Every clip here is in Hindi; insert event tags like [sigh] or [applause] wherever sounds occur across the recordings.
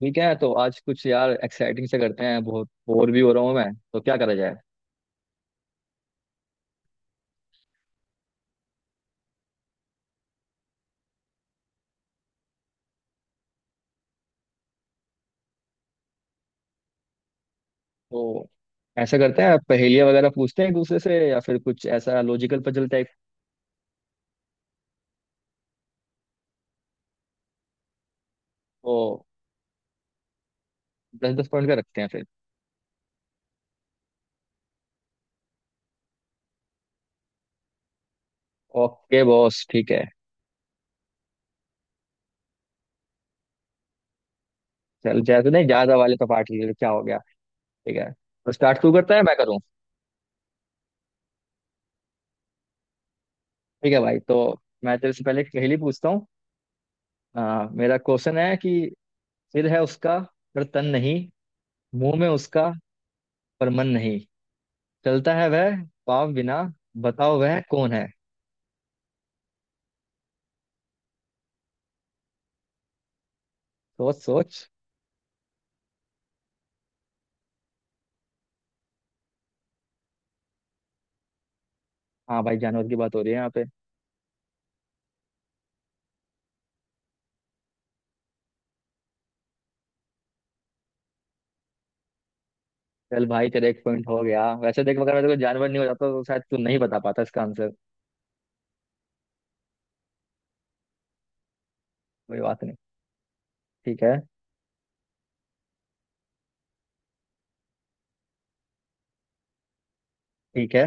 ठीक है। तो आज कुछ यार एक्साइटिंग से करते हैं, बहुत बोर भी हो रहा हूँ मैं, तो क्या करा जाए। तो ऐसा करते हैं, पहेलियां वगैरह पूछते हैं एक दूसरे से, या फिर कुछ ऐसा लॉजिकल पजल टाइप। तो दस दस पॉइंट का रखते हैं फिर। ओके बॉस, ठीक है। चल, जैसे नहीं, ज्यादा वाले तो पार्टी ले लो, क्या हो गया। ठीक है। तो स्टार्ट तू करता है मैं करूँ? ठीक है भाई। तो मैं तेरे से पहले एक पहेली पूछता हूँ। मेरा क्वेश्चन है कि सिर है उसका पर तन नहीं, मुंह में उसका पर मन नहीं, चलता है वह पाप बिना, बताओ वह कौन है? सोच सोच। हाँ भाई, जानवर की बात हो रही है यहाँ पे। चल भाई, तेरा एक पॉइंट हो गया। वैसे देख, अगर कोई जानवर नहीं हो जाता तो शायद तू नहीं बता पाता इसका आंसर। कोई बात नहीं। ठीक है। ठीक है।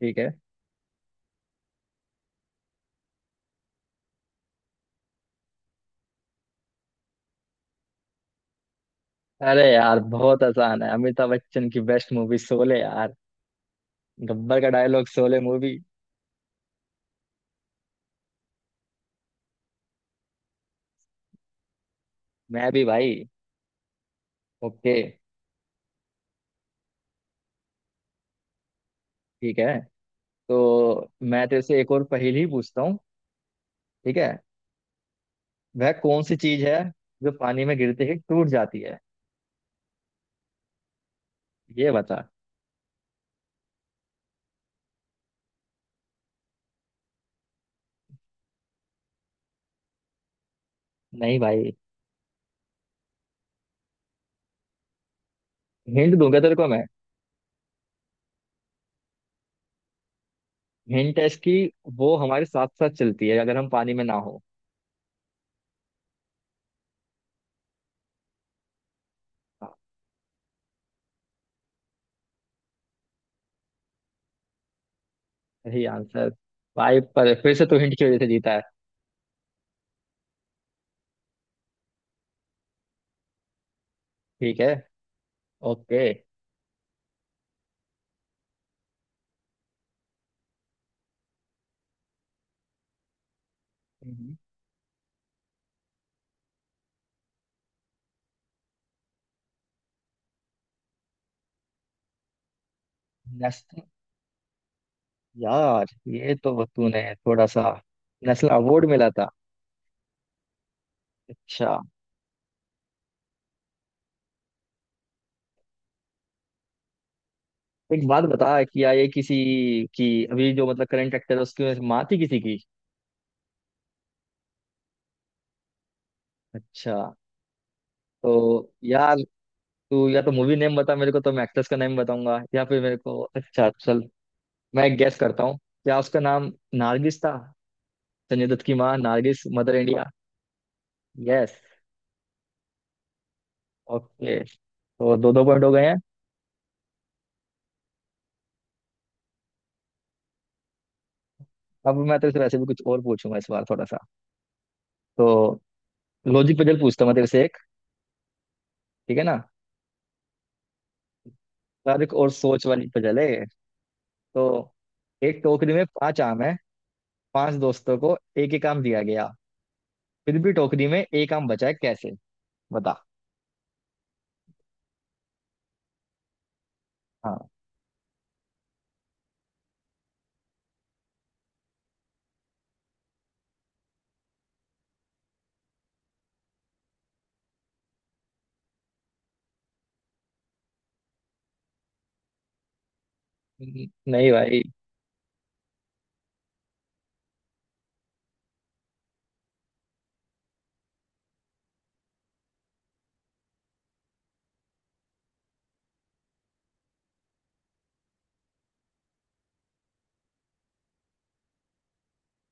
ठीक है। अरे यार, बहुत आसान है, अमिताभ बच्चन की बेस्ट मूवी शोले यार। गब्बर का डायलॉग, शोले मूवी। मैं भी भाई। ओके। ठीक है। तो मैं तेरे से एक और पहेली पूछता हूँ, ठीक है। वह कौन सी चीज है जो पानी में गिरते ही टूट जाती है? ये बता। नहीं भाई। हिंट दूंगा तेरे को मैं। हिंट है इसकी, वो हमारे साथ साथ चलती है अगर हम पानी में ना हो। हाँ, सही आंसर। भाई, पर फिर से तू हिंट की वजह से जीता है। ठीक है। ओके। नेशनल? यार ये तो तूने थोड़ा सा, नेशनल अवार्ड मिला था। अच्छा। एक बात बता, क्या ये किसी की अभी जो मतलब करंट एक्टर है उसकी माँ थी किसी की? अच्छा। तो यार, तू या तो मूवी नेम बता मेरे को तो मैं एक्ट्रेस का नेम बताऊंगा, या फिर मेरे को, अच्छा चल, मैं एक गेस करता हूँ। क्या उसका नाम नारगिस था? संजय दत्त की माँ Nargis, Mother India. Yes. Okay, तो दो दो पॉइंट हो गए हैं। अब मैं तेरे से वैसे भी कुछ और पूछूंगा इस बार, थोड़ा सा। तो लॉजिक पजल पूछता हूँ मैं तेरे से एक, ठीक है ना? यार एक और सोच वाली पजल है ये। तो एक टोकरी में पांच आम है, पांच दोस्तों को एक एक आम दिया गया, फिर भी टोकरी में एक आम बचा है, कैसे? बता। हाँ। नहीं भाई।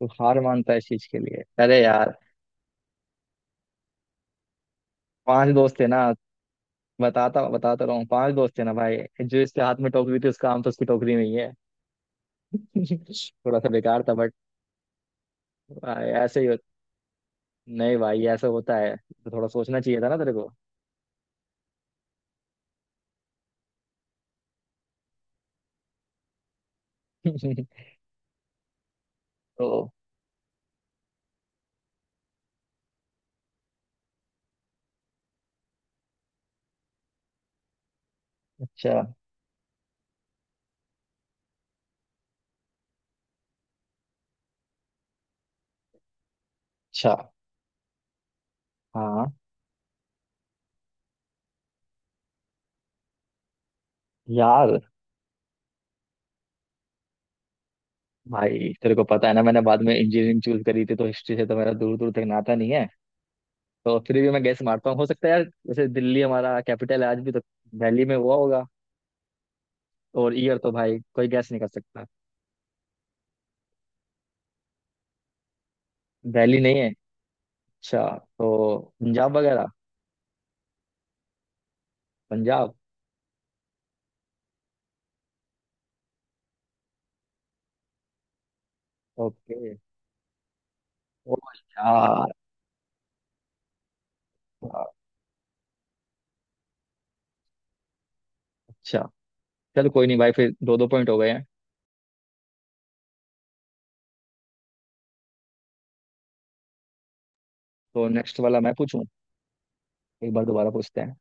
तू हार मानता है इस चीज के लिए? अरे यार। पांच दोस्त थे ना, बताता बताता रहा हूँ, पांच दोस्त थे ना भाई। जो इसके हाथ में टोकरी थी उसका आम तो उसकी टोकरी में ही है। [laughs] थोड़ा सा बेकार था बट। ऐसे ही हो- नहीं भाई, ऐसा होता है तो थोड़ा सोचना चाहिए था ना तेरे को। [laughs] तो अच्छा। अच्छा। हाँ यार। भाई तेरे को पता है ना मैंने बाद में इंजीनियरिंग चूज करी थी, तो हिस्ट्री से तो मेरा दूर दूर तक नाता नहीं है। तो फिर भी मैं गैस मारता हूँ। हो सकता है यार, जैसे दिल्ली हमारा कैपिटल है आज भी तो, दिल्ली में हुआ होगा। और ईयर तो भाई कोई गैस नहीं कर सकता। दिल्ली नहीं है? अच्छा। तो पंजाब वगैरह। पंजाब। ओके। ओ यार। अच्छा, चल कोई नहीं भाई, फिर दो दो पॉइंट हो गए हैं। तो नेक्स्ट वाला मैं पूछूं। एक बार दोबारा पूछते हैं।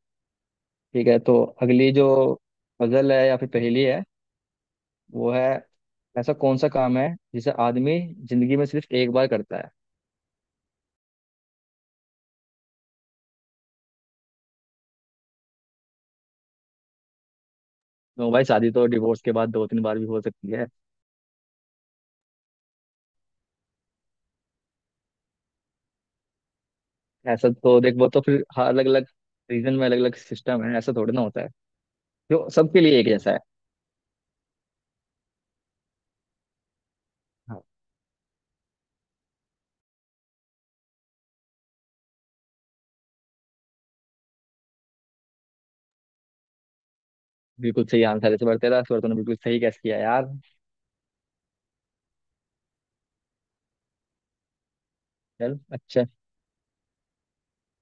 ठीक है, तो अगली जो पजल है या फिर पहेली है वो है, ऐसा कौन सा काम है जिसे आदमी जिंदगी में सिर्फ एक बार करता है? तो भाई, शादी तो डिवोर्स के बाद दो तीन बार भी हो सकती है। ऐसा तो देख, वो तो फिर अलग अलग रीजन में अलग अलग सिस्टम है, ऐसा थोड़ी ना होता है जो सबके लिए एक जैसा है। हाँ, बिल्कुल सही आंसर है इस बार तेरा, इस बार तूने बिल्कुल सही गैस किया यार। चल अच्छा।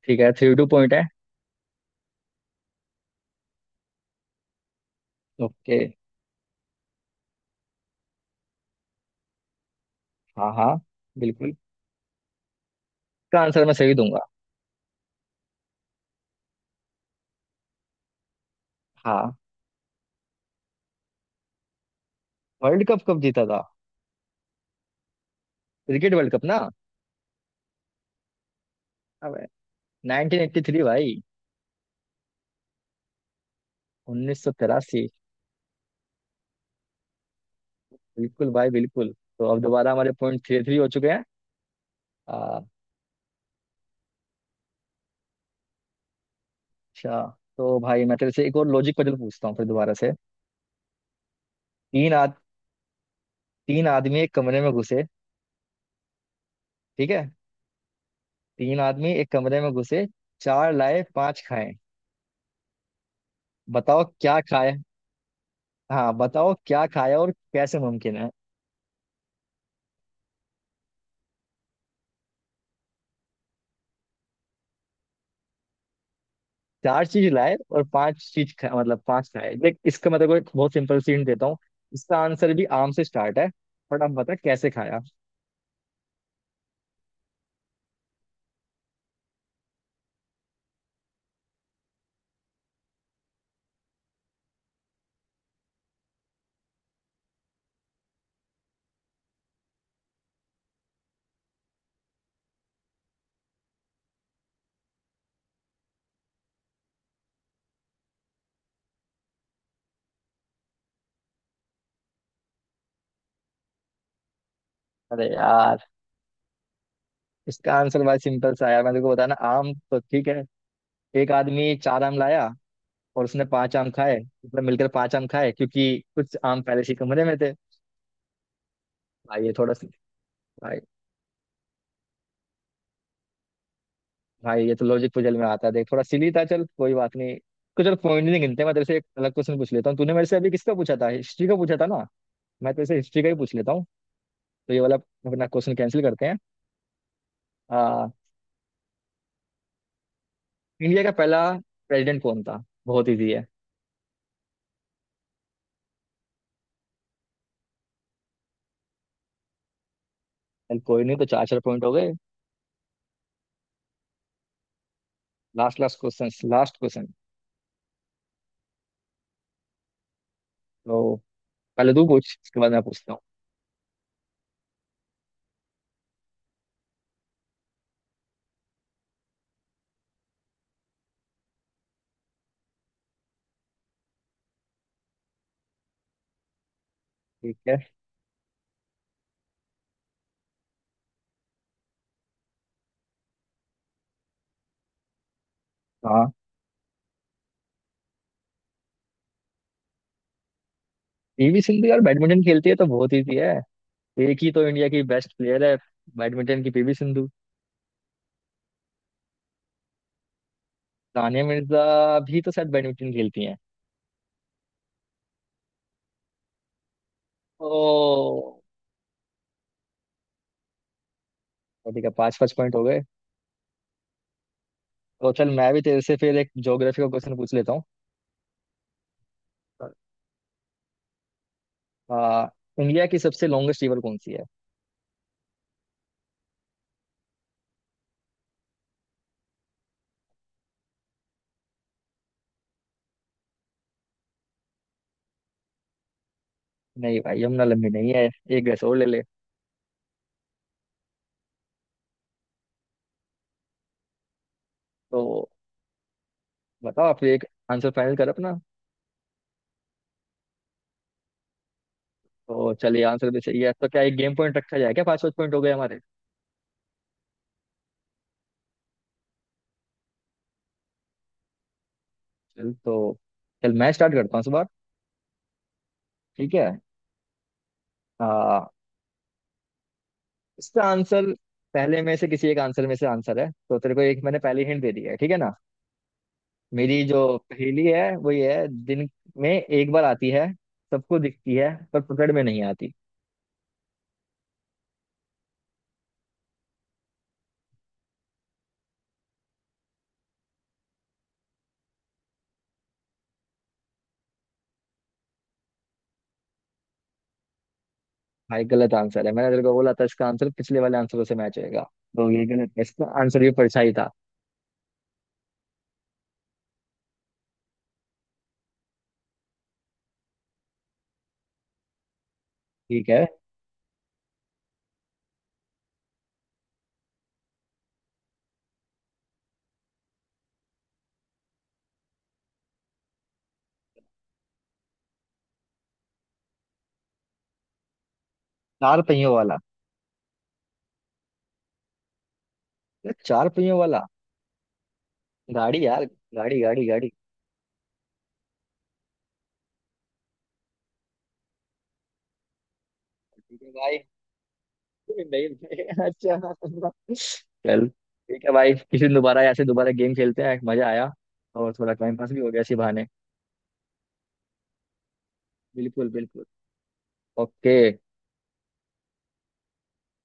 ठीक है, थ्री टू पॉइंट है। ओके। हाँ हाँ बिल्कुल, इसका आंसर मैं सही दूंगा। हाँ। वर्ल्ड कप कब जीता था? क्रिकेट वर्ल्ड कप ना? अबे 1983 भाई। 1983, बिल्कुल भाई बिल्कुल। तो अब दोबारा हमारे पॉइंट थ्री थ्री हो चुके हैं। आ, अच्छा। तो भाई मैं तेरे से एक और लॉजिक पजल पूछता हूँ फिर दोबारा से। तीन आद तीन आदमी एक कमरे में घुसे। ठीक है। तीन आदमी एक कमरे में घुसे, चार लाए पांच खाए, बताओ क्या खाए? हाँ, बताओ क्या खाया और कैसे मुमकिन है। चार चीज लाए और पांच चीज खाए, मतलब पांच खाए। देख इसका मतलब, एक बहुत सिंपल सीन देता हूँ। इसका आंसर भी आम से स्टार्ट है, बट आप बता कैसे खाया। अरे यार, इसका आंसर बड़ा सिंपल सा है यार, मैं तेरे को बताना, आम तो ठीक है। एक आदमी चार आम लाया और उसने पांच आम खाए, मतलब मिलकर पांच आम खाए क्योंकि कुछ आम पहले से ही कमरे में थे। भाई ये थोड़ा सी- भाई। भाई ये तो लॉजिक पजल में आता है, देख थोड़ा सिली था, चल कोई बात नहीं। कुछ और पॉइंट नहीं गिनते, मैं तेरे से एक अलग क्वेश्चन पूछ लेता हूँ। तूने मेरे से अभी किसका पूछा था, हिस्ट्री का पूछा था ना? मैं तेरे से हिस्ट्री का ही पूछ लेता हूँ। तो ये वाला अपना क्वेश्चन कैंसिल करते हैं। आ, इंडिया का पहला प्रेसिडेंट कौन था? बहुत इजी है। चल कोई नहीं, तो चार चार पॉइंट हो गए। Last last question, last question. तो पहले तू पूछ, उसके बाद मैं पूछता हूँ। ठीक है। हाँ, पीवी सिंधु यार बैडमिंटन खेलती है, तो बहुत इजी है। एक ही तो इंडिया की बेस्ट प्लेयर है, बैडमिंटन की पीवी सिंधु। सानिया मिर्जा भी तो शायद बैडमिंटन खेलती हैं। ओ, तो ठीक है, पाँच पाँच पॉइंट हो गए। तो चल, मैं भी तेरे से फिर एक ज्योग्राफी का क्वेश्चन पूछ लेता हूँ। आ, इंडिया की सबसे लॉन्गेस्ट रिवर कौन सी है? नहीं भाई, यमुना लंबी नहीं है, एक गैस और ले ले। तो बताओ आप, एक आंसर फाइनल कर अपना। तो चलिए, आंसर भी सही है, तो क्या एक गेम पॉइंट रखा जाए? क्या पाँच पाँच पॉइंट हो गए हमारे। चल तो, चल मैं स्टार्ट करता हूँ इस बार। ठीक है। आ, इसका आंसर पहले में से किसी एक आंसर में से आंसर है, तो तेरे को एक मैंने पहले हिंट दे दी है, ठीक है ना। मेरी जो पहेली है वो ये है, दिन में एक बार आती है, सबको दिखती है पर पकड़ में नहीं आती। भाई गलत आंसर है, मैंने तेरे को बोला था इसका आंसर पिछले वाले आंसरों से मैच होएगा। तो ये गलत है, इसका आंसर भी परछाई था। ठीक है। चार पहियों वाला? अरे चार पहियों वाला, गाड़ी यार, गाड़ी गाड़ी गाड़ी। ठीक है भाई। [laughs] नहीं नहीं, अच्छा। चल ठीक है भाई, किसी दिन दोबारा ऐसे दोबारा गेम खेलते हैं, मजा आया। और थोड़ा टाइम पास भी हो गया इसी बहाने। बिल्कुल बिल्कुल। ओके।